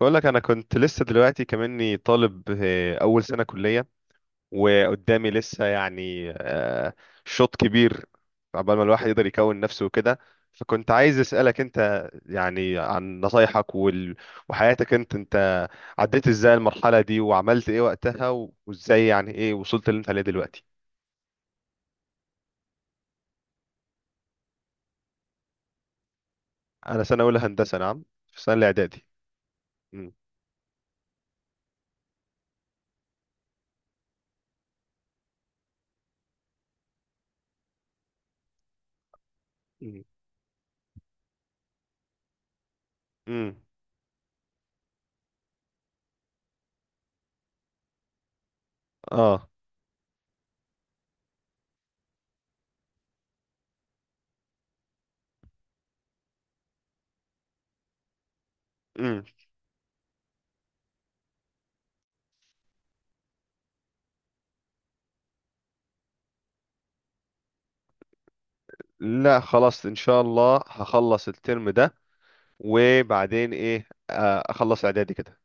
بقول لك انا كنت لسه دلوقتي كمني طالب، اول سنه كليه، وقدامي لسه يعني شوط كبير، عقبال ما الواحد يقدر يكون نفسه وكده. فكنت عايز اسالك انت يعني عن نصايحك وحياتك انت عديت ازاي المرحله دي وعملت ايه وقتها وازاي يعني ايه وصلت اللي انت عليه دلوقتي؟ انا سنه اولى هندسه، نعم. في سنه الاعدادي. مم. مم. مم. اه. مم. لا، خلاص ان شاء الله هخلص الترم ده، وبعدين ايه اخلص اعدادي كده.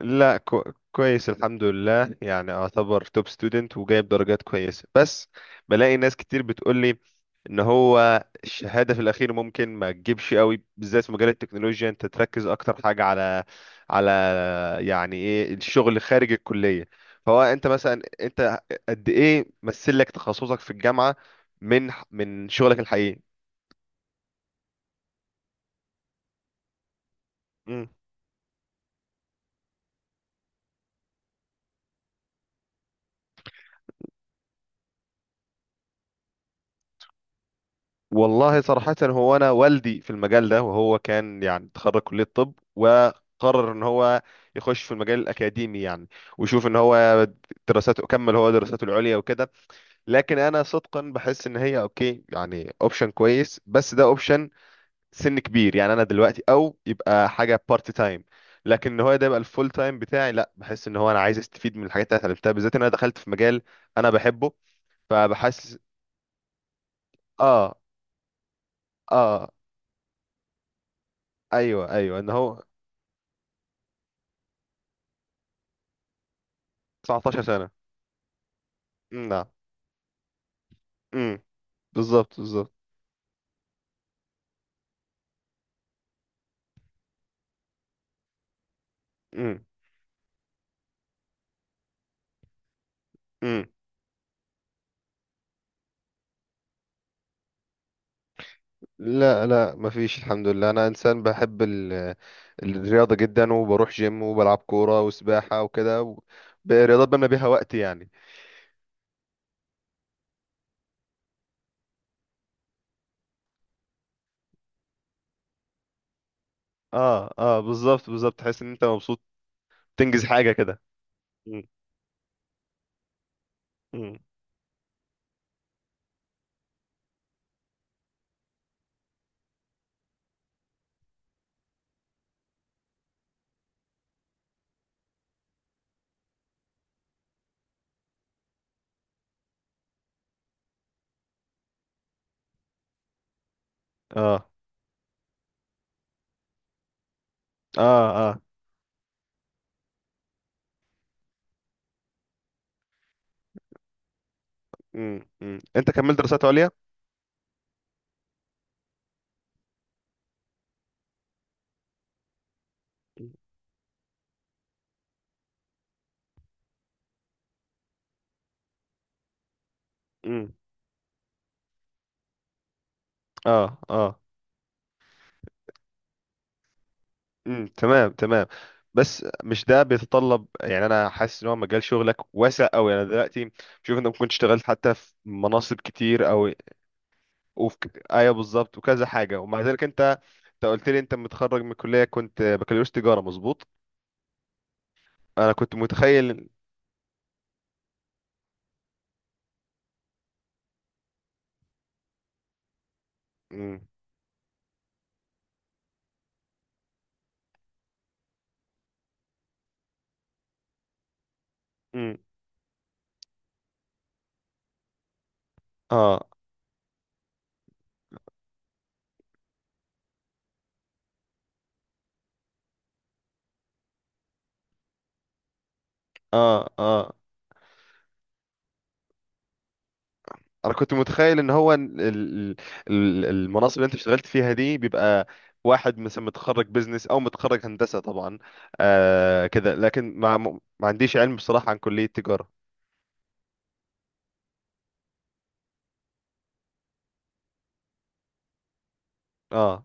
لا، كويس الحمد لله، يعني اعتبر توب ستودنت وجايب درجات كويسة. بس بلاقي ناس كتير بتقول لي ان هو الشهادة في الاخير ممكن ما تجيبش قوي، بالذات في مجال التكنولوجيا انت تركز اكتر حاجة على على يعني ايه الشغل خارج الكلية. فهو انت مثلا، انت قد ايه مثل لك تخصصك في الجامعة من شغلك الحقيقي؟ والله صراحة، هو أنا والدي في المجال ده، وهو كان يعني تخرج كلية طب وقرر إن هو يخش في المجال الأكاديمي يعني، ويشوف إن هو دراساته، كمل هو دراساته العليا وكده. لكن أنا صدقا بحس إن هي أوكي، يعني أوبشن كويس، بس ده أوبشن سن كبير، يعني أنا دلوقتي أو يبقى حاجة بارت تايم. لكن إن هو ده يبقى الفول تايم بتاعي، لا، بحس إن هو أنا عايز أستفيد من الحاجات اللي أنا اتعلمتها، بالذات إن أنا دخلت في مجال أنا بحبه. فبحس. آه. آه. ايوه ايوه، ان هو 19 سنة. مم، نعم. مم. بالظبط بالظبط. مم. مم. لا لا، مفيش الحمد لله، انا انسان بحب الرياضة جدا، وبروح جيم وبلعب كورة وسباحة وكده برياضات بنا بيها وقت يعني. اه اه، بالظبط بالظبط، تحس ان انت مبسوط، تنجز حاجة كده. مم. مم. اه. اه اه. مم. مم. انت كملت دراسات عليا؟ مم. مم. اه اه. امم، تمام تمام. بس مش ده بيتطلب يعني، انا حاسس ان هو مجال شغلك واسع قوي، انا دلوقتي بشوف انت ممكن تشتغل حتى في مناصب كتير او وفي ايوه بالظبط، وكذا حاجه، ومع ذلك انت قلت لي انت متخرج من الكليه، كنت بكالوريوس تجاره مظبوط. انا كنت متخيل. امم، امم. اه اه اه. انا كنت متخيل ان هو المناصب اللي انت اشتغلت فيها دي بيبقى واحد مثلا متخرج بزنس او متخرج هندسة طبعا، كده، لكن ما عنديش علم بصراحة عن كلية تجارة. اه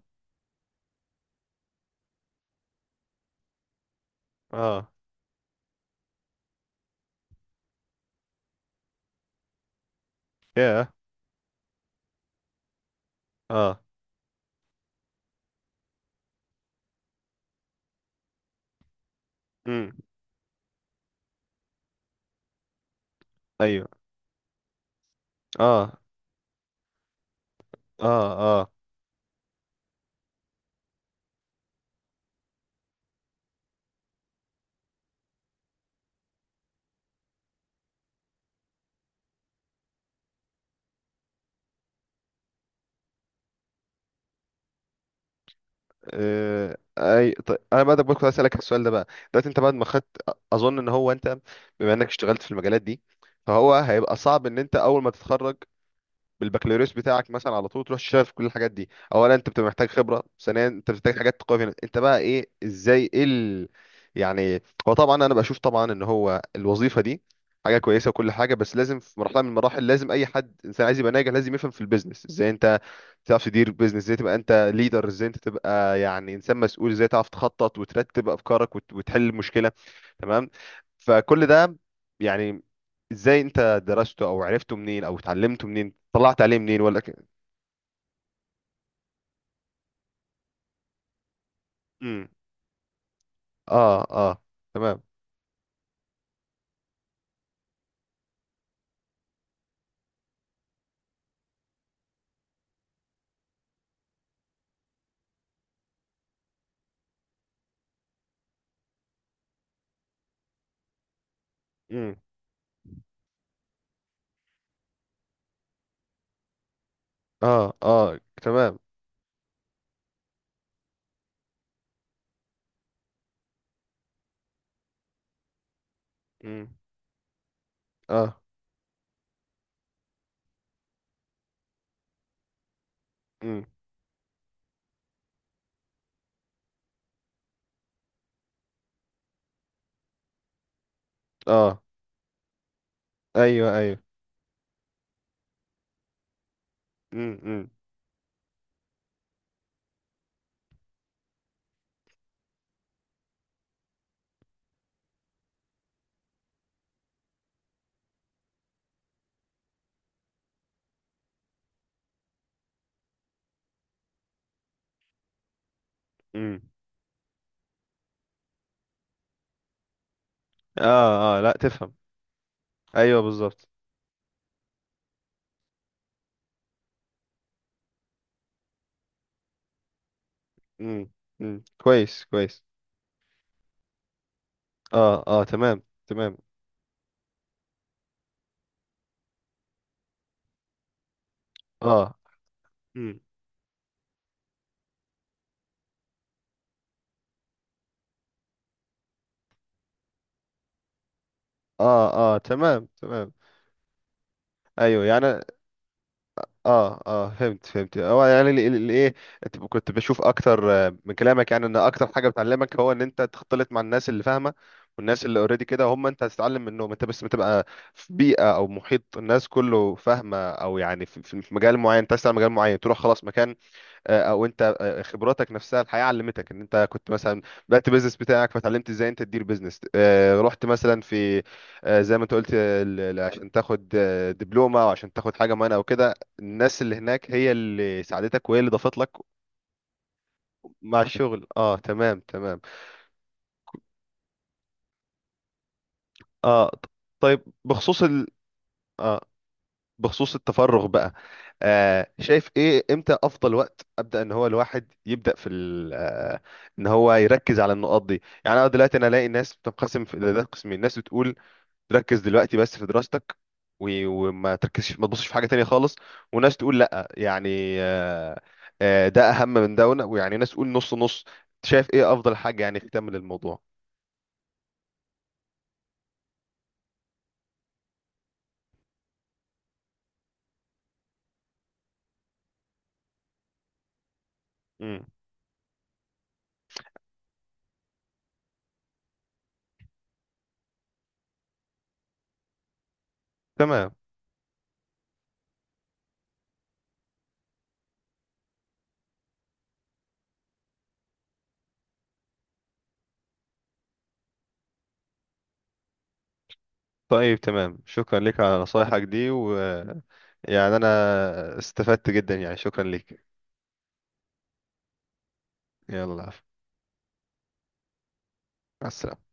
اه. يا. اه. امم. ايوه. اه اه اه. اي طيب، انا بقى كنت عايز اسالك السؤال ده بقى، دلوقتي انت بعد ما خدت، اظن ان هو انت بما انك اشتغلت في المجالات دي، فهو هيبقى صعب ان انت اول ما تتخرج بالبكالوريوس بتاعك مثلا على طول تروح تشتغل في كل الحاجات دي. اولا انت بتبقى محتاج خبره، ثانيا انت بتحتاج حاجات تقوي فيها انت بقى ايه، ازاي ايه يعني. هو طبعا انا بشوف طبعا ان هو الوظيفه دي حاجه كويسه وكل حاجه، بس لازم في مرحله من المراحل لازم اي حد انسان عايز يبقى ناجح لازم يفهم في البيزنس، ازاي انت تعرف تدير بيزنس، ازاي تبقى انت ليدر، ازاي انت تبقى يعني انسان مسؤول، ازاي تعرف تخطط وترتب افكارك وتحل المشكله. تمام. فكل ده يعني، ازاي انت درسته او عرفته منين او اتعلمته منين طلعت عليه منين ولا امم. اه اه، تمام. امم. اه اه، تمام. امم. اه. امم. اه. ايوه ايوه. امم. امم. اه اه، لا، تفهم. ايوه بالظبط. امم امم، كويس كويس. اه اه، تمام تمام. اه. مم. اه اه، تمام تمام، ايوه يعني. اه اه، فهمت فهمت، هو يعني الايه، انت كنت بشوف اكتر من كلامك يعني ان اكتر حاجه بتعلمك هو ان انت تختلط مع الناس اللي فاهمه، والناس اللي اوريدي كده هم انت هتتعلم منهم، انت بس بتبقى في بيئه او محيط الناس كله فاهمه، او يعني في في مجال معين انت عايز تعمل مجال معين تروح خلاص مكان. او انت خبراتك نفسها الحياه علمتك ان انت كنت مثلا بدات بيزنس بتاعك فتعلمت ازاي انت تدير بيزنس، رحت مثلا في زي ما انت قلت، عشان تاخد دبلومه او عشان تاخد حاجه معينه او كده، الناس اللي هناك هي اللي ساعدتك وهي اللي ضافت لك. مع الشغل، اه، تمام تمام. اه طيب، بخصوص ال اه بخصوص التفرغ بقى، شايف ايه، امتى افضل وقت ابدا ان هو الواحد يبدا في ال- آه ان هو يركز على النقاط دي. يعني انا دلوقتي انا الاقي ناس بتنقسم في ده قسمين، ناس بتقول ركز دلوقتي بس في دراستك وما تركزش ما تبصش في حاجه تانية خالص، وناس تقول لا يعني، آه ده اهم من ده ويعني ناس تقول نص نص. شايف ايه افضل حاجه يعني تكمل الموضوع؟ امم، تمام. طيب، تمام، شكرا لك على نصايحك دي يعني انا استفدت جدا، يعني شكرا لك. يلا، مع السلامة.